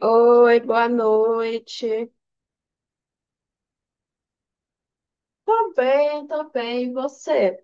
Oi, boa noite. Tô bem, tô bem. E você?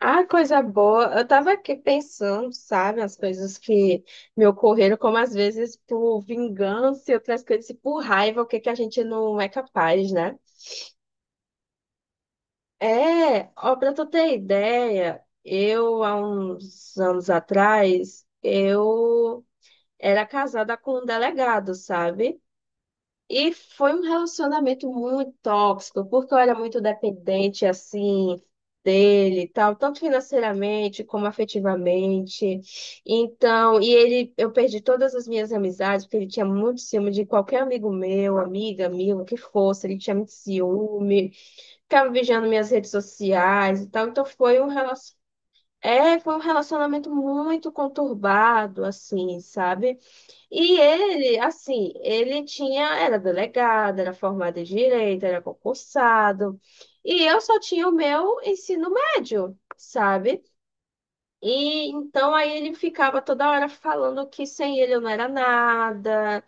Ah, coisa boa. Eu tava aqui pensando, sabe, as coisas que me ocorreram, como às vezes por vingança e outras coisas, e por raiva, o que que a gente não é capaz, né? É, ó, pra tu ter ideia, eu, há uns anos atrás, eu era casada com um delegado, sabe? E foi um relacionamento muito tóxico, porque eu era muito dependente, assim, dele e tal, tanto financeiramente como afetivamente. Então, e ele, eu perdi todas as minhas amizades, porque ele tinha muito ciúme de qualquer amigo meu, amiga, amigo, o que fosse, ele tinha muito ciúme, ficava vigiando minhas redes sociais e tal. Então, foi um relacionamento. É, foi um relacionamento muito conturbado, assim, sabe? E ele, assim, ele tinha, era delegado, era formado em direito, era concursado. E eu só tinha o meu ensino médio, sabe? E então aí ele ficava toda hora falando que sem ele eu não era nada.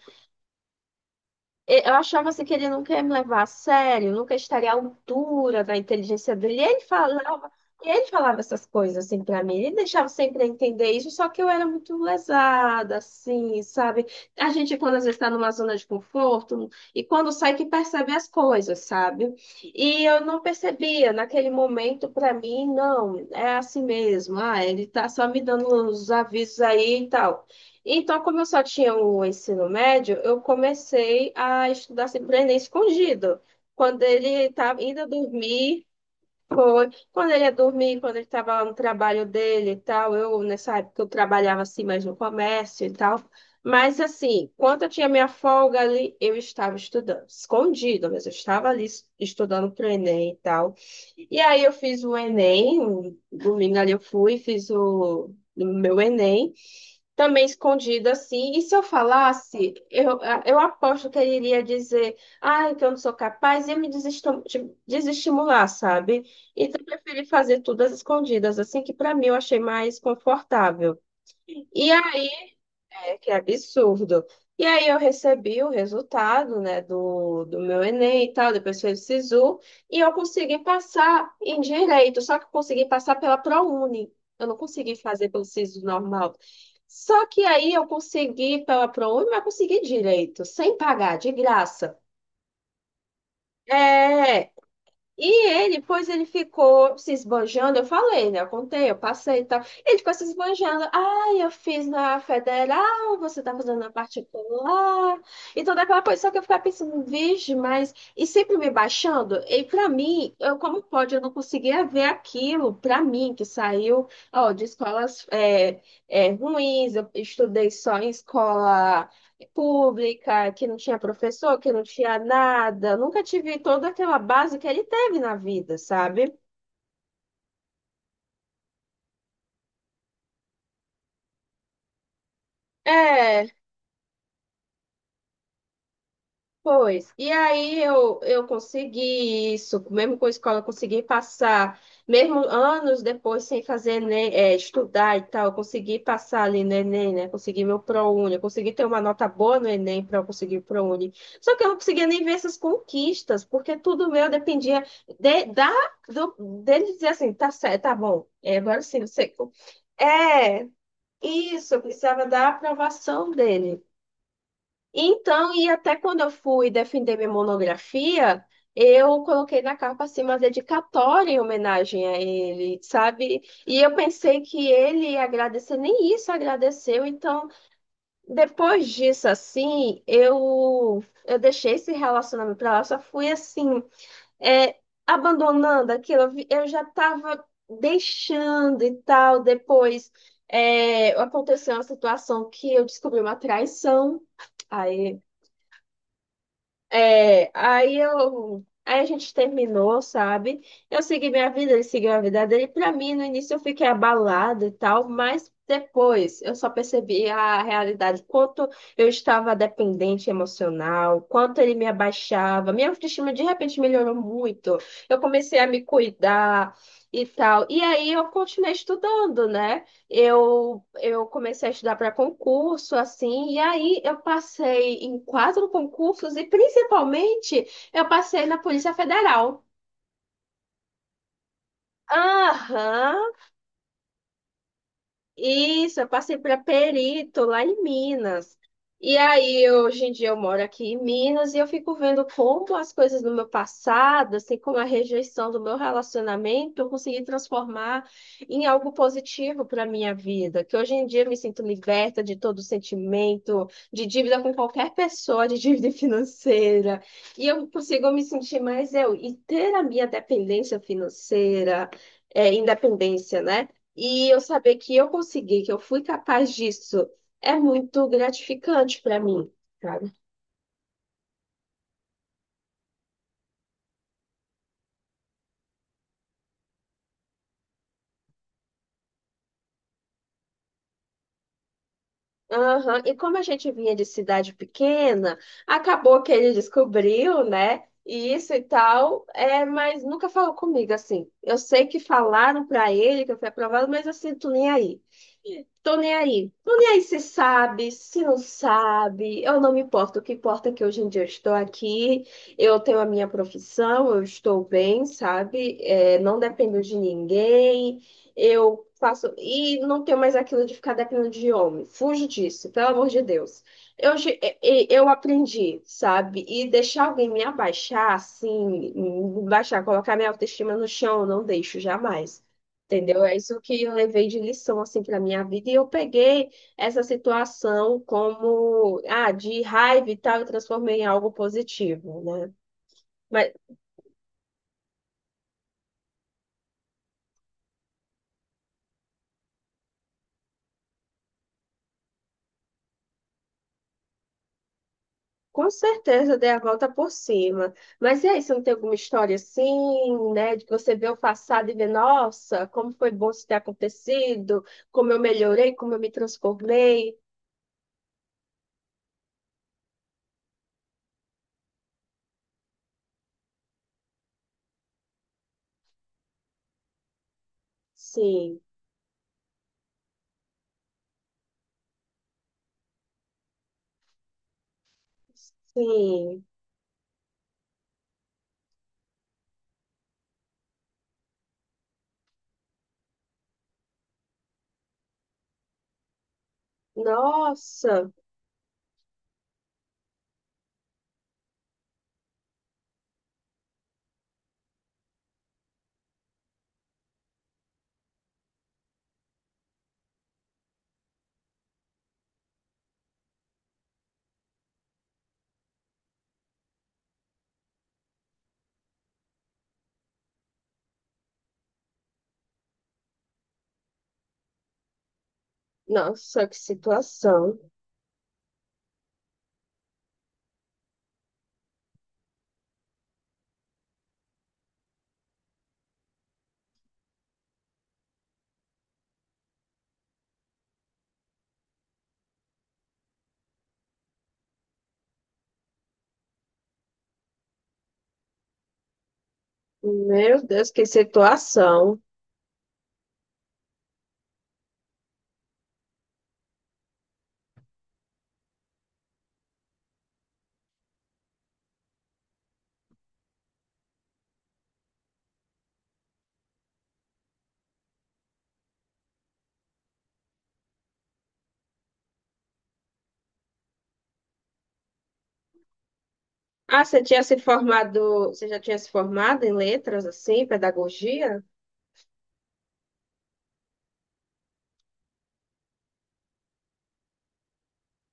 Eu achava assim que ele nunca ia me levar a sério, nunca estaria à altura da inteligência dele. E ele falava essas coisas assim para mim, ele deixava sempre entender isso, só que eu era muito lesada, assim, sabe? A gente, quando às vezes está numa zona de conforto, e quando sai que percebe as coisas, sabe? E eu não percebia naquele momento, para mim, não, é assim mesmo, ah, ele tá só me dando os avisos aí e tal. Então, como eu só tinha o ensino médio, eu comecei a estudar sempre o Enem escondido. Quando ele estava indo dormir, foi. Quando ele ia dormir, quando ele estava no trabalho dele e tal, eu, nessa época, eu trabalhava assim, mais no comércio e tal. Mas, assim, quando eu tinha minha folga ali, eu estava estudando, escondido, mas eu estava ali estudando para o Enem e tal. E aí eu fiz o Enem, um domingo ali eu fui, fiz o meu Enem também escondida assim. E se eu falasse, eu aposto que ele iria dizer, ai, que eu não sou capaz, e me desestimular, sabe? Então, eu preferi fazer tudo às escondidas, assim, que para mim eu achei mais confortável. E aí é que é absurdo. E aí eu recebi o resultado, né, do meu Enem e tal, depois fez o SISU, e eu consegui passar em direito, só que eu consegui passar pela ProUni. Eu não consegui fazer pelo SISU normal. Só que aí eu consegui pela ProUni, mas consegui direito, sem pagar, de graça. É, e ele, pois ele ficou se esbanjando, eu falei, né? Eu contei, eu passei e tal. Ele ficou se esbanjando. Ah, eu fiz na federal, você tá fazendo na particular. E toda aquela coisa, só que eu ficava pensando, vixe, mas... E sempre me baixando. E pra mim, eu, como pode, eu não conseguia ver aquilo, pra mim, que saiu, ó, de escolas é, é, ruins. Eu estudei só em escola pública, que não tinha professor, que não tinha nada. Nunca tive toda aquela base que ele teve na vida, sabe? É, pois, e aí eu consegui isso, mesmo com a escola, eu consegui passar, mesmo anos depois, sem fazer Enem, é, estudar e tal, eu consegui passar ali no Enem, né? Consegui meu ProUni, eu consegui ter uma nota boa no Enem para eu conseguir o ProUni. Só que eu não conseguia nem ver essas conquistas, porque tudo meu dependia de, da, do, dele dizer assim, tá certo, tá bom, é, agora sim, você. É, isso, eu precisava da aprovação dele. Então, e até quando eu fui defender minha monografia, eu coloquei na capa assim uma dedicatória em homenagem a ele, sabe? E eu pensei que ele ia agradecer, nem isso agradeceu. Então, depois disso, assim, eu deixei esse relacionamento pra lá, só fui assim, é, abandonando aquilo. Eu já estava deixando e tal. Depois, é, aconteceu uma situação que eu descobri uma traição. Aí. É, aí eu, aí a gente terminou, sabe? Eu segui minha vida, ele seguiu a vida dele. Pra mim, no início eu fiquei abalada e tal, mas depois eu só percebi a realidade, quanto eu estava dependente emocional, quanto ele me abaixava. Minha autoestima de repente melhorou muito. Eu comecei a me cuidar e tal. E aí eu continuei estudando, né? Eu comecei a estudar para concurso, assim, e aí eu passei em quatro concursos e principalmente eu passei na Polícia Federal. Aham, isso, eu passei para Perito, lá em Minas. E aí, hoje em dia, eu moro aqui em Minas e eu fico vendo como as coisas do meu passado, assim como a rejeição do meu relacionamento, eu consegui transformar em algo positivo para a minha vida. Que hoje em dia eu me sinto liberta de todo sentimento, de dívida com qualquer pessoa, de dívida financeira. E eu consigo me sentir mais eu. E ter a minha dependência financeira, é, independência, né? E eu saber que eu consegui, que eu fui capaz disso, é muito gratificante para mim, sabe? Aham. E como a gente vinha de cidade pequena, acabou que ele descobriu, né? E isso e tal, é, mas nunca falou comigo assim. Eu sei que falaram para ele que eu fui aprovada, mas eu sinto nem aí. Tô nem aí. Tô nem aí se sabe, se não sabe. Eu não me importo. O que importa é que hoje em dia eu estou aqui, eu tenho a minha profissão, eu estou bem, sabe? É, não dependo de ninguém. Eu faço. E não tenho mais aquilo de ficar dependendo de homem. Fujo disso, pelo amor de Deus. Eu, eu aprendi, sabe? E deixar alguém me abaixar, assim, me baixar, colocar minha autoestima no chão, eu não deixo jamais. Entendeu? É isso que eu levei de lição assim para minha vida e eu peguei essa situação como ah, de raiva e tal e transformei em algo positivo, né? Mas com certeza eu dei a volta por cima. Mas e aí, você não tem alguma história assim, né, de que você vê o passado e vê, nossa, como foi bom isso ter acontecido, como eu melhorei, como eu me transformei? Sim. Sim. Nossa, que situação. Meu Deus, que situação. Ah, você tinha se formado, você já tinha se formado em letras, assim, pedagogia?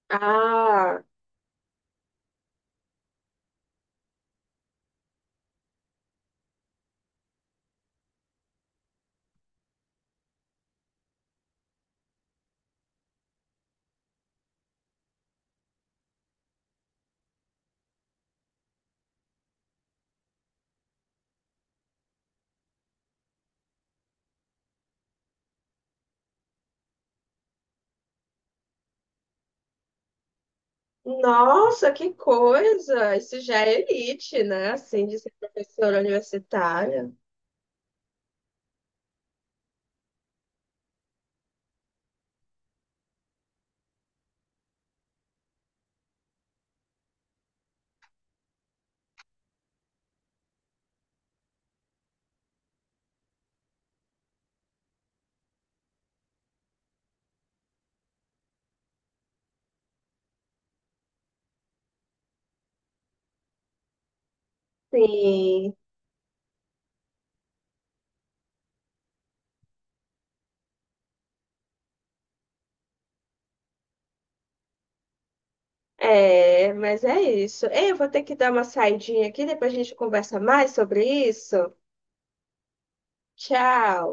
Ah, nossa, que coisa! Isso já é elite, né? Assim, de ser professora universitária. Sim, é, mas é isso. Ei, eu vou ter que dar uma saidinha aqui, depois a gente conversa mais sobre isso. Tchau!